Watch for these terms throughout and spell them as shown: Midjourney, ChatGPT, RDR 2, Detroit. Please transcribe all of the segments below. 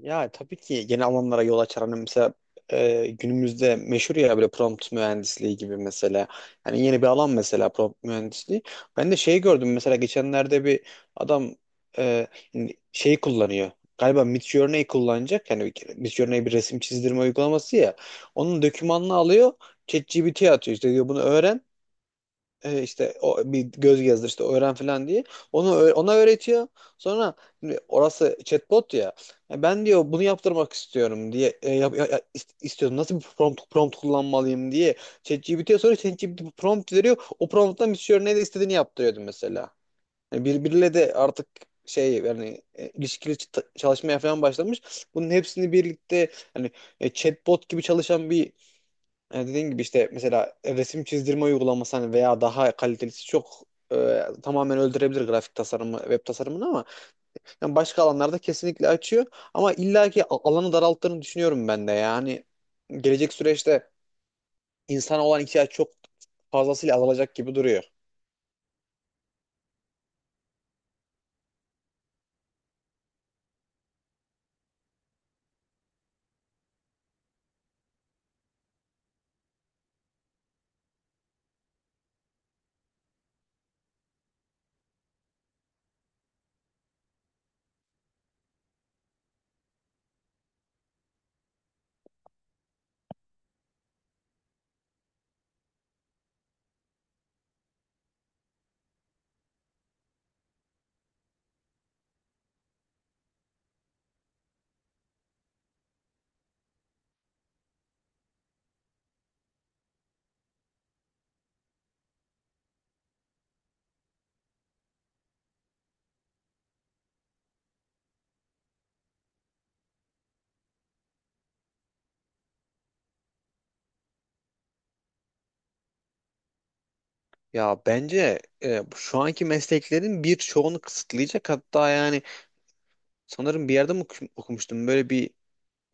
Ya tabii ki yeni alanlara yol açar. Hani mesela günümüzde meşhur ya böyle prompt mühendisliği gibi mesela. Hani yeni bir alan mesela prompt mühendisliği. Ben de şey gördüm mesela geçenlerde bir adam e, hani şey kullanıyor. Galiba Midjourney kullanacak. Yani Midjourney bir resim çizdirme uygulaması ya. Onun dokümanını alıyor. ChatGPT'ye atıyor. İşte diyor bunu öğren işte o bir göz gezdir işte öğren falan diye. Onu ona öğretiyor. Sonra şimdi orası chatbot ya. "Ya ben diyor bunu yaptırmak istiyorum diye yap, istiyordum. Nasıl bir prompt kullanmalıyım diye. ChatGPT'ye sonra ChatGPT bir prompt veriyor. O prompttan bir şey ne de istediğini yaptırıyordum mesela. Yani birbiriyle de artık şey yani ilişkili çalışmaya falan başlamış. Bunun hepsini birlikte hani chatbot gibi çalışan bir yani dediğin gibi işte mesela resim çizdirme uygulaması hani veya daha kalitelisi çok tamamen öldürebilir grafik tasarımı, web tasarımını ama yani başka alanlarda kesinlikle açıyor. Ama illaki alanı daralttığını düşünüyorum ben de. Yani gelecek süreçte insana olan ihtiyaç çok fazlasıyla azalacak gibi duruyor. Ya bence şu anki mesleklerin birçoğunu kısıtlayacak hatta yani sanırım bir yerde mi okumuştum böyle bir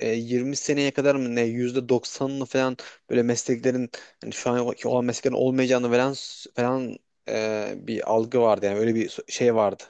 20 seneye kadar mı ne %90'ını falan böyle mesleklerin hani şu anki olan mesleklerin olmayacağını falan falan bir algı vardı yani öyle bir şey vardı.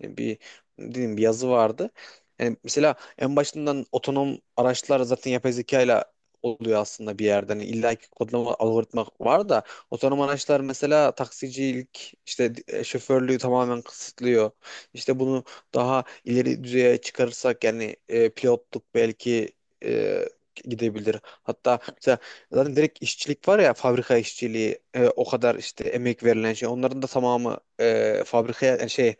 Yani bir ne diyeyim bir yazı vardı. Yani mesela en başından otonom araçlar zaten yapay zeka ile oluyor aslında bir yerde. Hani illa ki kodlama algoritma var da otonom araçlar mesela taksicilik işte şoförlüğü tamamen kısıtlıyor. İşte bunu daha ileri düzeye çıkarırsak yani pilotluk belki e, gidebilir. Hatta mesela zaten direkt işçilik var ya fabrika işçiliği o kadar işte emek verilen şey onların da tamamı fabrikaya yani şey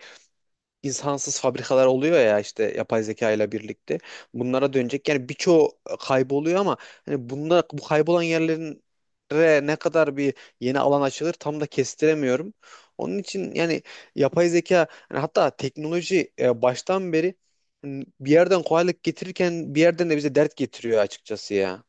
insansız fabrikalar oluyor ya işte yapay zeka ile birlikte. Bunlara dönecek. Yani birçoğu kayboluyor ama hani bunda bu kaybolan yerlerin ne kadar bir yeni alan açılır tam da kestiremiyorum. Onun için yani yapay zeka yani hatta teknoloji baştan beri hani bir yerden kolaylık getirirken bir yerden de bize dert getiriyor açıkçası ya.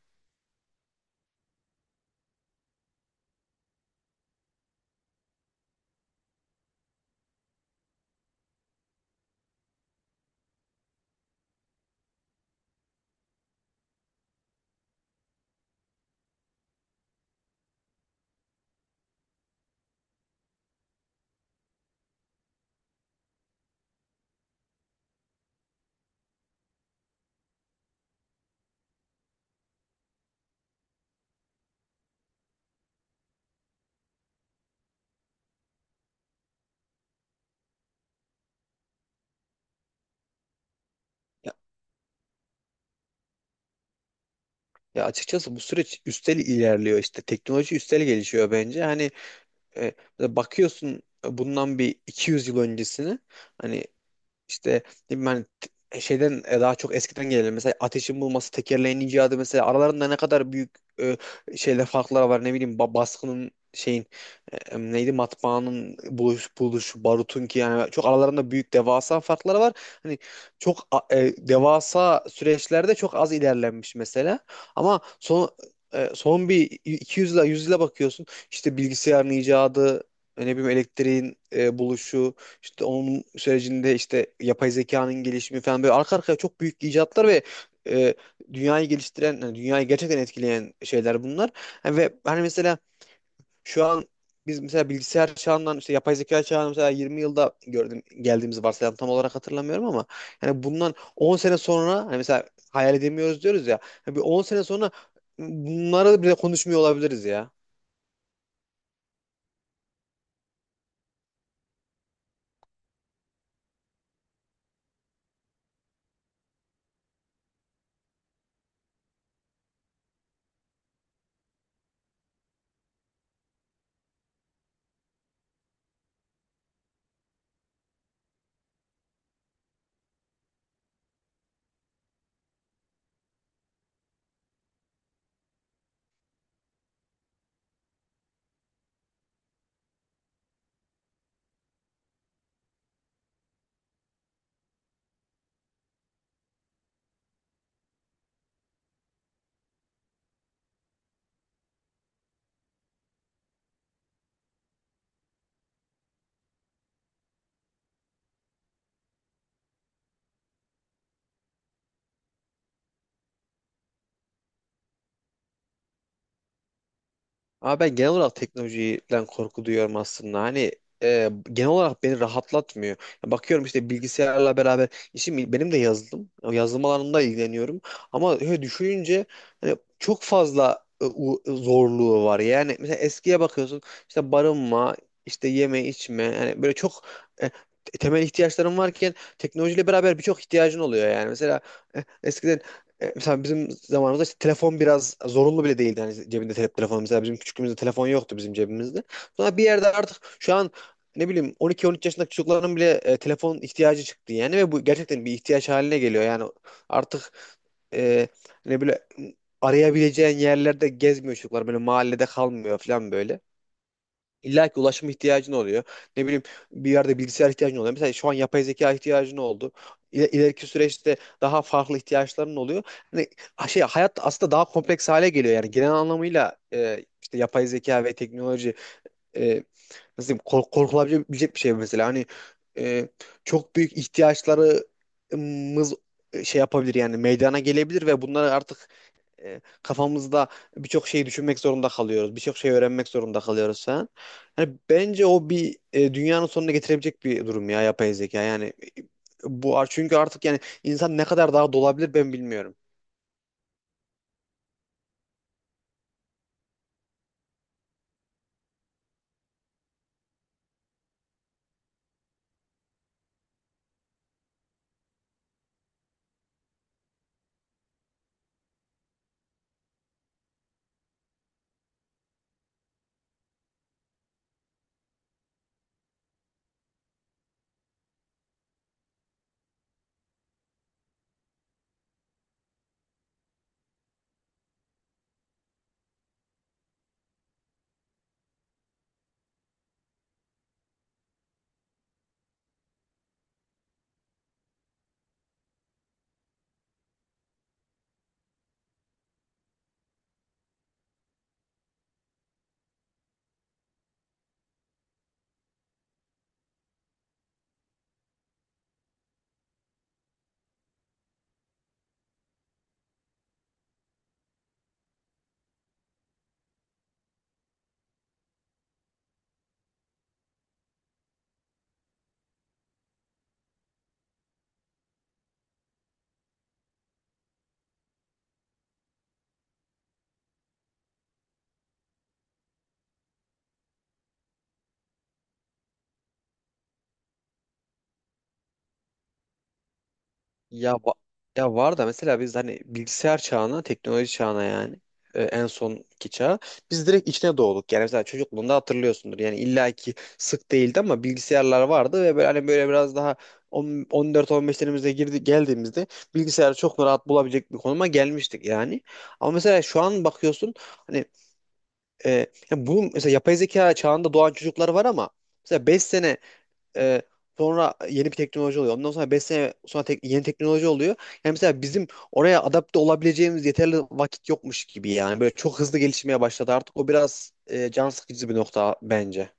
Ya ya, açıkçası bu süreç üstel ilerliyor, işte teknoloji üstel gelişiyor bence. Hani E, bakıyorsun bundan bir 200 yıl öncesine, hani işte, değil mi, hani şeyden daha çok eskiden gelelim. Mesela ateşin bulması, tekerleğin icadı, mesela aralarında ne kadar büyük e, şeyler, farklar var. Ne bileyim baskının, şeyin neydi, matbaanın buluşu, barutun ki yani çok aralarında büyük devasa farkları var. Hani çok devasa süreçlerde çok az ilerlenmiş mesela. Ama son bir 200 yıla, 100 yıla bakıyorsun. İşte bilgisayarın icadı, ne bileyim elektriğin buluşu, işte onun sürecinde işte yapay zekanın gelişimi falan, böyle arka arkaya çok büyük icatlar ve e, dünyayı geliştiren, yani dünyayı gerçekten etkileyen şeyler bunlar. Yani ve hani mesela şu an biz mesela bilgisayar çağından işte yapay zeka çağına mesela 20 yılda gördüm geldiğimizi varsayalım, tam olarak hatırlamıyorum ama yani bundan 10 sene sonra hani mesela hayal edemiyoruz diyoruz ya. Yani bir 10 sene sonra bunları bile konuşmuyor olabiliriz ya. Ama ben genel olarak teknolojiden korku duyuyorum aslında. Hani genel olarak beni rahatlatmıyor. Ya bakıyorum işte, bilgisayarla beraber işim benim de yazılım. Yazılım alanında ilgileniyorum. Ama öyle düşününce hani çok fazla zorluğu var. Yani mesela eskiye bakıyorsun, işte barınma, işte yeme içme, yani böyle çok e, temel ihtiyaçların varken teknolojiyle beraber birçok ihtiyacın oluyor yani. Mesela eskiden mesela bizim zamanımızda işte telefon biraz zorunlu bile değildi. Hani cebinde telefon, mesela bizim küçüklüğümüzde telefon yoktu bizim cebimizde. Sonra bir yerde artık şu an ne bileyim 12-13 yaşındaki çocukların bile telefon ihtiyacı çıktı yani ve bu gerçekten bir ihtiyaç haline geliyor. Yani artık e, ne böyle arayabileceğin yerlerde gezmiyor çocuklar, böyle mahallede kalmıyor falan böyle. İlla ki ulaşma ihtiyacın oluyor. Ne bileyim bir yerde bilgisayar ihtiyacın oluyor. Mesela şu an yapay zeka ihtiyacın oldu. İleriki süreçte daha farklı ihtiyaçların oluyor. Hani şey, hayat aslında daha kompleks hale geliyor. Yani genel anlamıyla işte yapay zeka ve teknoloji e, nasıl diyeyim, korkulabilecek bir şey mesela. Hani e, çok büyük ihtiyaçlarımız şey yapabilir, yani meydana gelebilir ve bunları artık kafamızda birçok şeyi düşünmek zorunda kalıyoruz. Birçok şey öğrenmek zorunda kalıyoruz falan. Yani bence o bir dünyanın sonuna getirebilecek bir durum ya yapay zeka. Yani bu çünkü artık yani insan ne kadar daha dolabilir ben bilmiyorum. Ya ya var da mesela biz hani bilgisayar çağına, teknoloji çağına, yani en sonki çağa biz direkt içine doğduk. Yani mesela çocukluğunda hatırlıyorsundur. Yani illaki sık değildi ama bilgisayarlar vardı ve böyle, hani böyle biraz daha 14-15'lerimizde girdi geldiğimizde bilgisayarı çok rahat bulabilecek bir konuma gelmiştik yani. Ama mesela şu an bakıyorsun hani e, ya bu mesela yapay zeka çağında doğan çocuklar var ama mesela 5 sene ee, sonra yeni bir teknoloji oluyor. Ondan sonra 5 sene sonra yeni teknoloji oluyor. Yani mesela bizim oraya adapte olabileceğimiz yeterli vakit yokmuş gibi yani. Böyle çok hızlı gelişmeye başladı artık. O biraz can sıkıcı bir nokta bence.